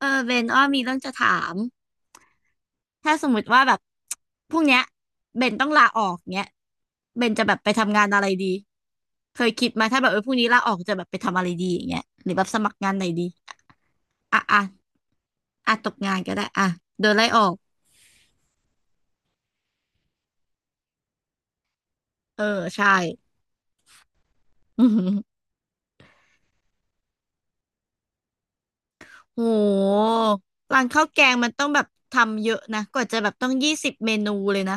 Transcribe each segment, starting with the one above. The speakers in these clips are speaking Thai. เออเบนอ้อมีเรื่องจะถามถ้าสมมติว่าแบบพรุ่งเนี้ยเบนต้องลาออกเนี้ยเบนจะแบบไปทำงานอะไรดีเคยคิดมาถ้าแบบพรุ่งนี้ลาออกจะแบบไปทำอะไรดีอย่างเงี้ยหรือแบบสมัครงานไหนดีอ่ะอ่ะอ่ะตกงานก็ได้อ่ะโดนไล่ออกเออใช่ อือหือโหร้านข้าวแกงมันต้องแบบทำเยอะนะกว่าจะแบบต้องยี่สิบเมนูเลยนะ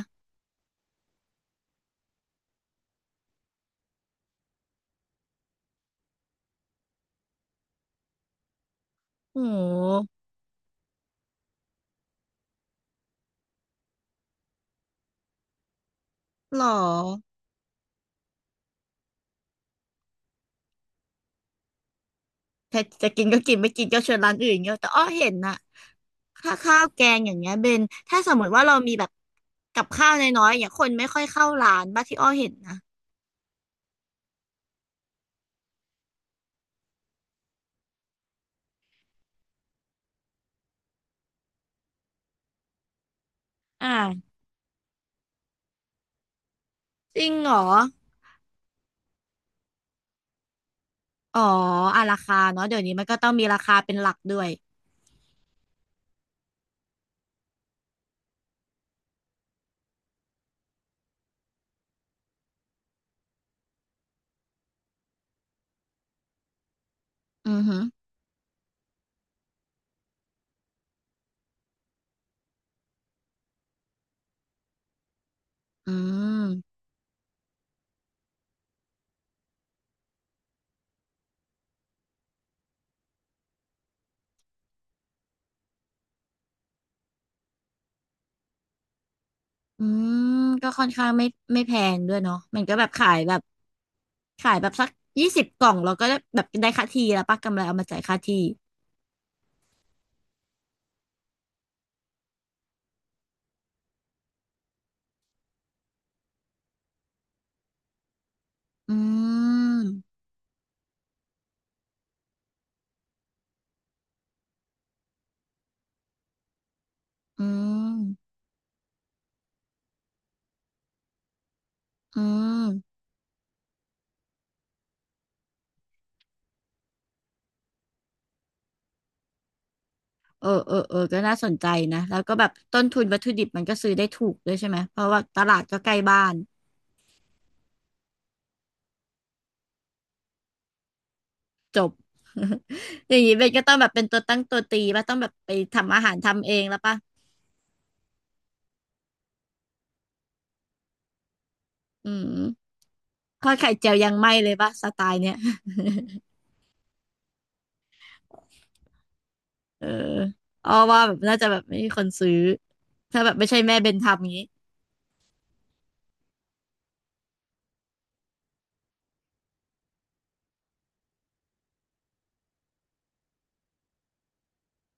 โหหรอ ถ้่จะกินก็กินไม่กินก็เชวนร้านอื่นเงี้ยแต่อ้อเห็นนะค่าข้าวแกงอย่างเงี้ยเบนถ้าสมมติว่าเรามีแบบกับข้าวน้อยๆอย่างคนไม่ค่อยเข้าร้านบ้างที่อ้อเห็นนะอ่าจริงเหรออ๋ออ่ะราคาเนาะเดี๋ยวนี้มันก็ต้องมีราคาเป็นหลักด้วยอือหืออืมอืมก็ค่อนข้างไม่แพงด้วยเนาะมันก็แบบขายแบบสักยี่สิบกล่องเราก็ได้แบบได้ค่าที่แล้วป้ากำไรเอามาจ่ายค่าที่อืมอืมอืม เออเออเออก็น่าสนใจนะแล้วก็แบบต้นทุนวัตถุดิบมันก็ซื้อได้ถูกด้วยใช่ไหมเพราะว่าตลาดก็ใกล้บ้านจบ อย่างนี้เบนก็ต้องแบบเป็นตัวตั้งตัวตีป่ะต้องแบบไปทำอาหารทำเองแล้วป่ะอืมทอดไข่เจียวยังไม่เลยป่ะสไตล์เนี้ย เอออ้อว่าแบบน่าจะแบบไม่มีคนซื้อถ้าแบบไม่ใช่แม่เบนทำอย่างนี้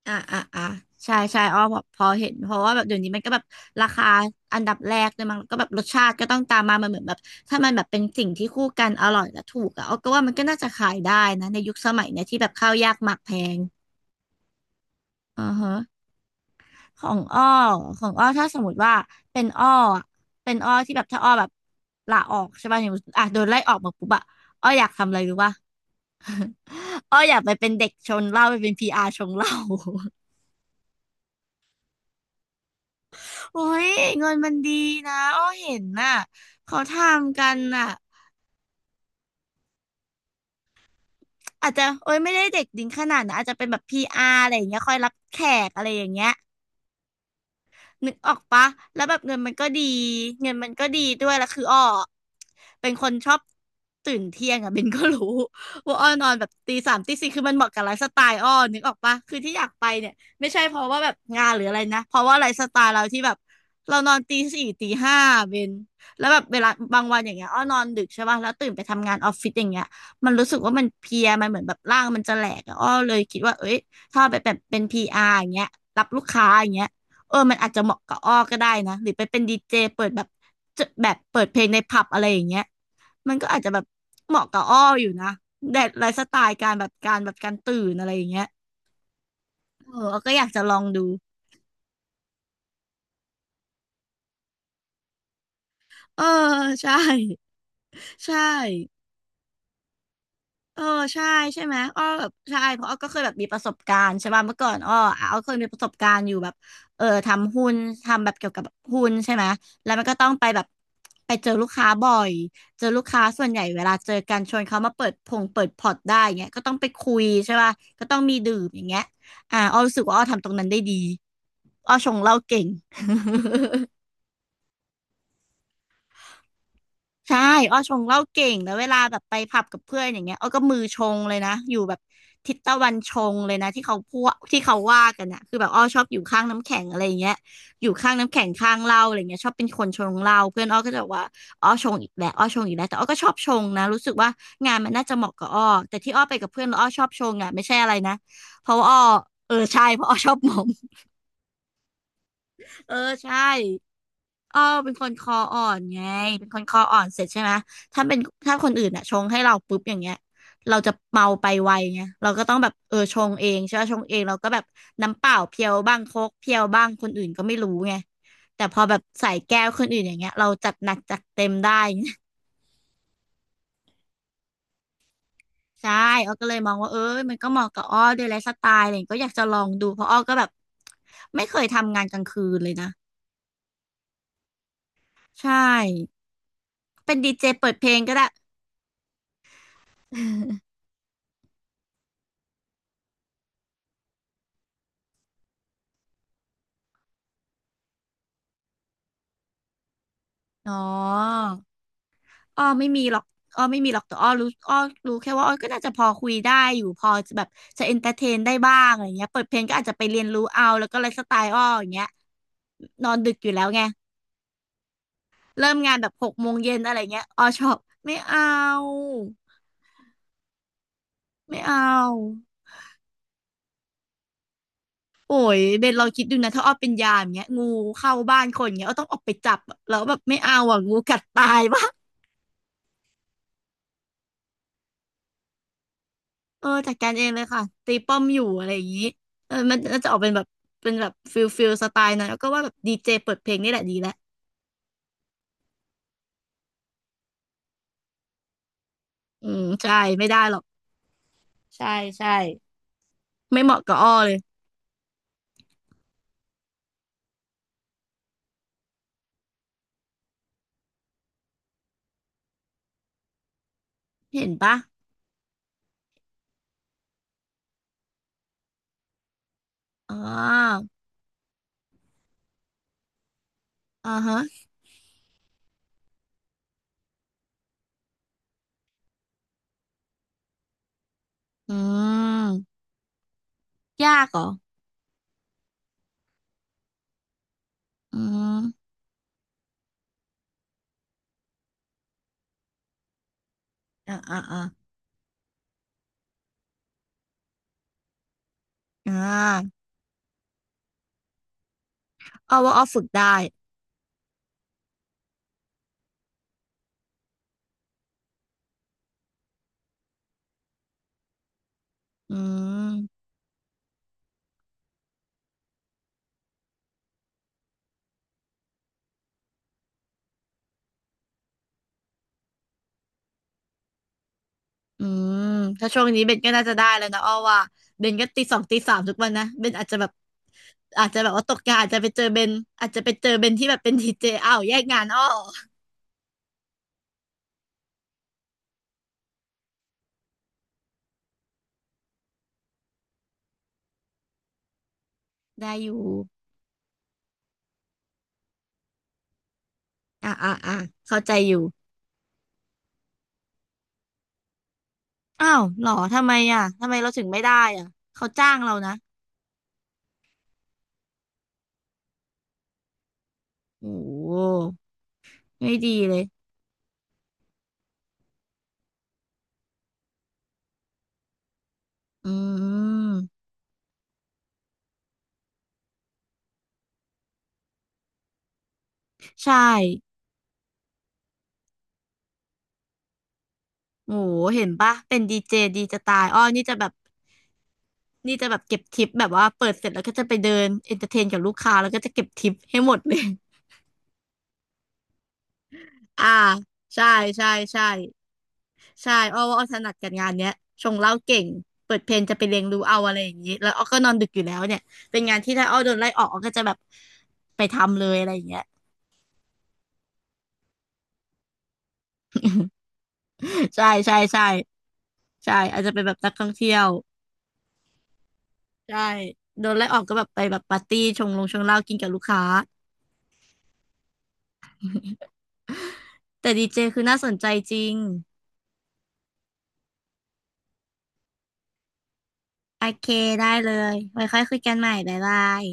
อ่าอ่าอ่าใช่ใช่อ้อพอเห็นเพราะว่าแบบเดี๋ยวนี้มันก็แบบราคาอันดับแรกเลยมั้งแล้วก็แบบรสชาติก็ต้องตามมามันเหมือนแบบถ้ามันแบบเป็นสิ่งที่คู่กันอร่อยและถูกอะอ้อก็ว่ามันก็น่าจะขายได้นะในยุคสมัยเนี่ยที่แบบข้าวยากหมากแพงอ่าฮะของอ้อของอ้อถ้าสมมติว่าเป็นอ้ออะเป็นอ้อที่แบบถ้าอ้อแบบลาออกใช่ป่ะอย่างอ่ะโดนไล่ออกมาปุ๊บอะอ้ออยากทำอะไรรู้ป่ะ อ้ออยากไปเป็นเด็กชงเหล้าไปเป็นพีอาร์ชงเหล้า โอ้ยเงินมันดีนะอ้อเห็นน่ะเขาทำกันน่ะอาจจะโอ้ยไม่ได้เด็กดิ้งขนาดนะอาจจะเป็นแบบพีอาร์อะไรอย่างเงี้ยคอยรับแขกอะไรอย่างเงี้ย นึกออกปะแล้วแบบเงินมันก็ดีด้วยแล้วคืออ้อเป็นคนชอบตื่นเที่ยงอะเบนก็รู้ ว่าอ้อนอนแบบตีสามตีสี่คือมันเหมาะกับไลฟ์สไตล์อ้อนึกออกปะคือที่อยากไปเนี่ยไม่ใช่เพราะว่าแบบงานหรืออะไรนะเพราะว่าไลฟ์สไตล์เราที่แบบเรานอนตีสี่ตีห้าเบนแล้วแบบเวลาบางวันอย่างเงี้ยอ้อนอนดึกใช่ปะแล้วตื่นไปทำงานออฟฟิศอย่างเงี้ยมันรู้สึกว่ามันเพลียมันเหมือนแบบร่างมันจะแหลกอะอ้อเลยคิดว่าเอ้ยถ้าไปแบบเป็นพีอาร์อย่างเงี้ยรับลูกค้าอย่างเงี้ย เออมันอาจจะเหมาะกับอ้อก็ได้นะ หรือไปเป็นดีเจเปิดแบบจะแบบเปิดเพลงในผับอะไรอย่างเงี้ยมันก็อาจจะแบบเหมาะกับอ้ออยู่นะแตไลฟ์สไตล์การตื่นอะไรอย่างเงี้ยเอออ้อก็อยากจะลองดู เออใช่ ใช่ เออใช่ใช่ไหมอ้อแบบใช่เพราะอ้อก็เคยแบบมีประสบการณ์ใช่ป่ะเมื่อก่อนอ้ออ่ะอ้อเคยมีประสบการณ์อยู่แบบเออทำหุ้นทำแบบเกี่ยวกับหุ้นใช่ไหมแล้วมันก็ต้องไปแบบไปเจอลูกค้าบ่อยเจอลูกค้าส่วนใหญ่เวลาเจอกันชวนเขามาเปิดพงเปิดพอร์ตได้เงี้ยก็ต้องไปคุยใช่ป่ะก็ต้องมีดื่มอย่างเงี้ยอ่าอ้อรู้สึกว่าอ้อทำตรงนั้นได้ดีอ้อชงเหล้าเก่ง ใช่อ้อชงเหล้าเก่งแล้ว เวลาแบบไปผับกับเพื่อนอย่างเงี้ยอ้อก็มือชงเลยนะอยู่แบบทิศตะวันชงเลยนะที่เขาพูดที่เขาว่ากันนะคือแบบอ้อชอบอยู่ข้างน้ำแข็งอะไรอย่างเงี้ยอยู่ข้างน้ำแข็งข้างเหล้าอะไรเงี้ยชอบเป็นคนชงเหล้าเพื่อนอ้อก็จะบอกว่าอ้อชงอีกแล้วอ้อชงอีกแล้วแต่อ้อก็ชอบชงนะรู้สึกว่างานมันน่าจะเหมาะกับอ้อแต่ที่อ้อไปกับเพื่อนแล้วอ้อชอบชงอ่ะไม่ใช่อะไรนะเพราะว่าอ้อเออใช่เพราะอ้อชอบหมอมเออใช่ เป็นคนคออ่อนไงเป็นคนคออ่อนเสร็จใช่ไหมถ้าเป็นถ้าคนอื่นอ่ะชงให้เราปุ๊บอย่างเงี้ยเราจะเมาไปไวไงเราก็ต้องแบบชงเองใช่ไหมชงเองเราก็แบบน้ำเปล่าเพียวบ้างโค้กเพียวบ้างคนอื่นก็ไม่รู้ไงแต่พอแบบใส่แก้วคนอื่นอย่างเงี้ยเราจัดหนักจัดเต็มได้ ใช่อ้อก็เลยมองว่ามันก็เหมาะกับอ้อด้วยไลฟ์สไตล์อะไรอย่างเงี้ยก็อยากจะลองดูเพราะอ้อก็แบบไม่เคยทำงานกลางคืนเลยนะใช่เป็นดีเจเปิดเพลงก็ได้ อ๋อ อ้อไม่มีหรอกอ้อไม่มีหรอกแต่อ้อรู้อ้อรู้แค่ว่าอ้อก็น่าจะพอคุยได้อยู่พอจะแบบจะเอนเตอร์เทนได้บ้างอะไรเงี้ยเปิดเพลงก็อาจจะไปเรียนรู้เอาแล้วก็ไลฟ์สไตล์อ้ออย่างเงี้ยนอนดึกอยู่แล้วไงเริ่มงานแบบหกโมงเย็นอะไรเงี้ยอ้อชอบไม่เอาไม่เอาโอ้ยเบนลองคิดดูนะถ้าอ้อเป็นยามเงี้ยงูเข้าบ้านคนเงี้ยอ้อต้องออกไปจับอะแล้วแบบไม่เอาอ่ะงูกัดตายป่ะ จัดการเองเลยค่ะตีป้อมอยู่อะไรอย่างนี้มันน่าจะออกเป็นแบบเป็นแบบฟิลฟิลสไตล์หนะแล้วก็ว่าแบบดีเจเปิดเพลงนี่แหละดีแล้วอืมใช่ไม่ได้หรอกใช่ใช่ไม่เหมาะกับอ้อเลยเห็นปะอ๋ออ่าฮะอืมยากเหรออืมอ่าอ่าอ่าอ่าอ้อว่าอ้อฝึกได้อืม อืมถ้าช่วงนี้เบนก็น่าจะได้แล้วนะอ้อว่าเบนก็ตีสองตีสามทุกวันนะเบนอาจจะแบบอาจจะแบบว่าตกงานอาจจะไปเจอเบนอาจจะไปเจอเบนที่แบบเป็นดีเจอ้าวแยกงานอ้อได้อยู่อ่ะเข้าใจอยู่อ้าวเหรอทำไมอ่ะทำไมเราถึงไม่ได้อ่ะเขาจ้างเรานะโอ้โหไม่ดีเลยอืมใช่โอ้โหเห็นปะเป็นดีเจดีจะตายอ้อนี่จะแบบ นี่จะแบบเก็บทิปแบบว่าเปิดเสร็จแล้วก็จะไปเดินเอนเตอร์เทนกับลูกค้าแล้วก็จะเก็บทิปให้หมดเลยอ่าใช่ใช่ใช่ใช่อ้อว่าอ้อถนัดกับงานเนี้ยชงเหล้าเก่งเปิดเพลงจะไปเลียงรูเอาอะไรอย่างนี้แล้วอ้อก็นอนดึกอยู่แล้วเนี่ยเป็นงานที่ถ้าอ้อโดนไล่ออกอ้อก็จะแบบไปทำเลยอะไรอย่างเงี้ยใช่ใช่ใช่ใช่อาจจะเป็นแบบนักท่องเที่ยวใช่โดนไล่ออกก็แบบไปแบบปาร์ตี้ชงลงชงเหล้ากินกับลูกค้าแต่ดีเจคือน่าสนใจจริงโอเคได้เลยไว้ค่อยคุยกันใหม่บ๊ายบาย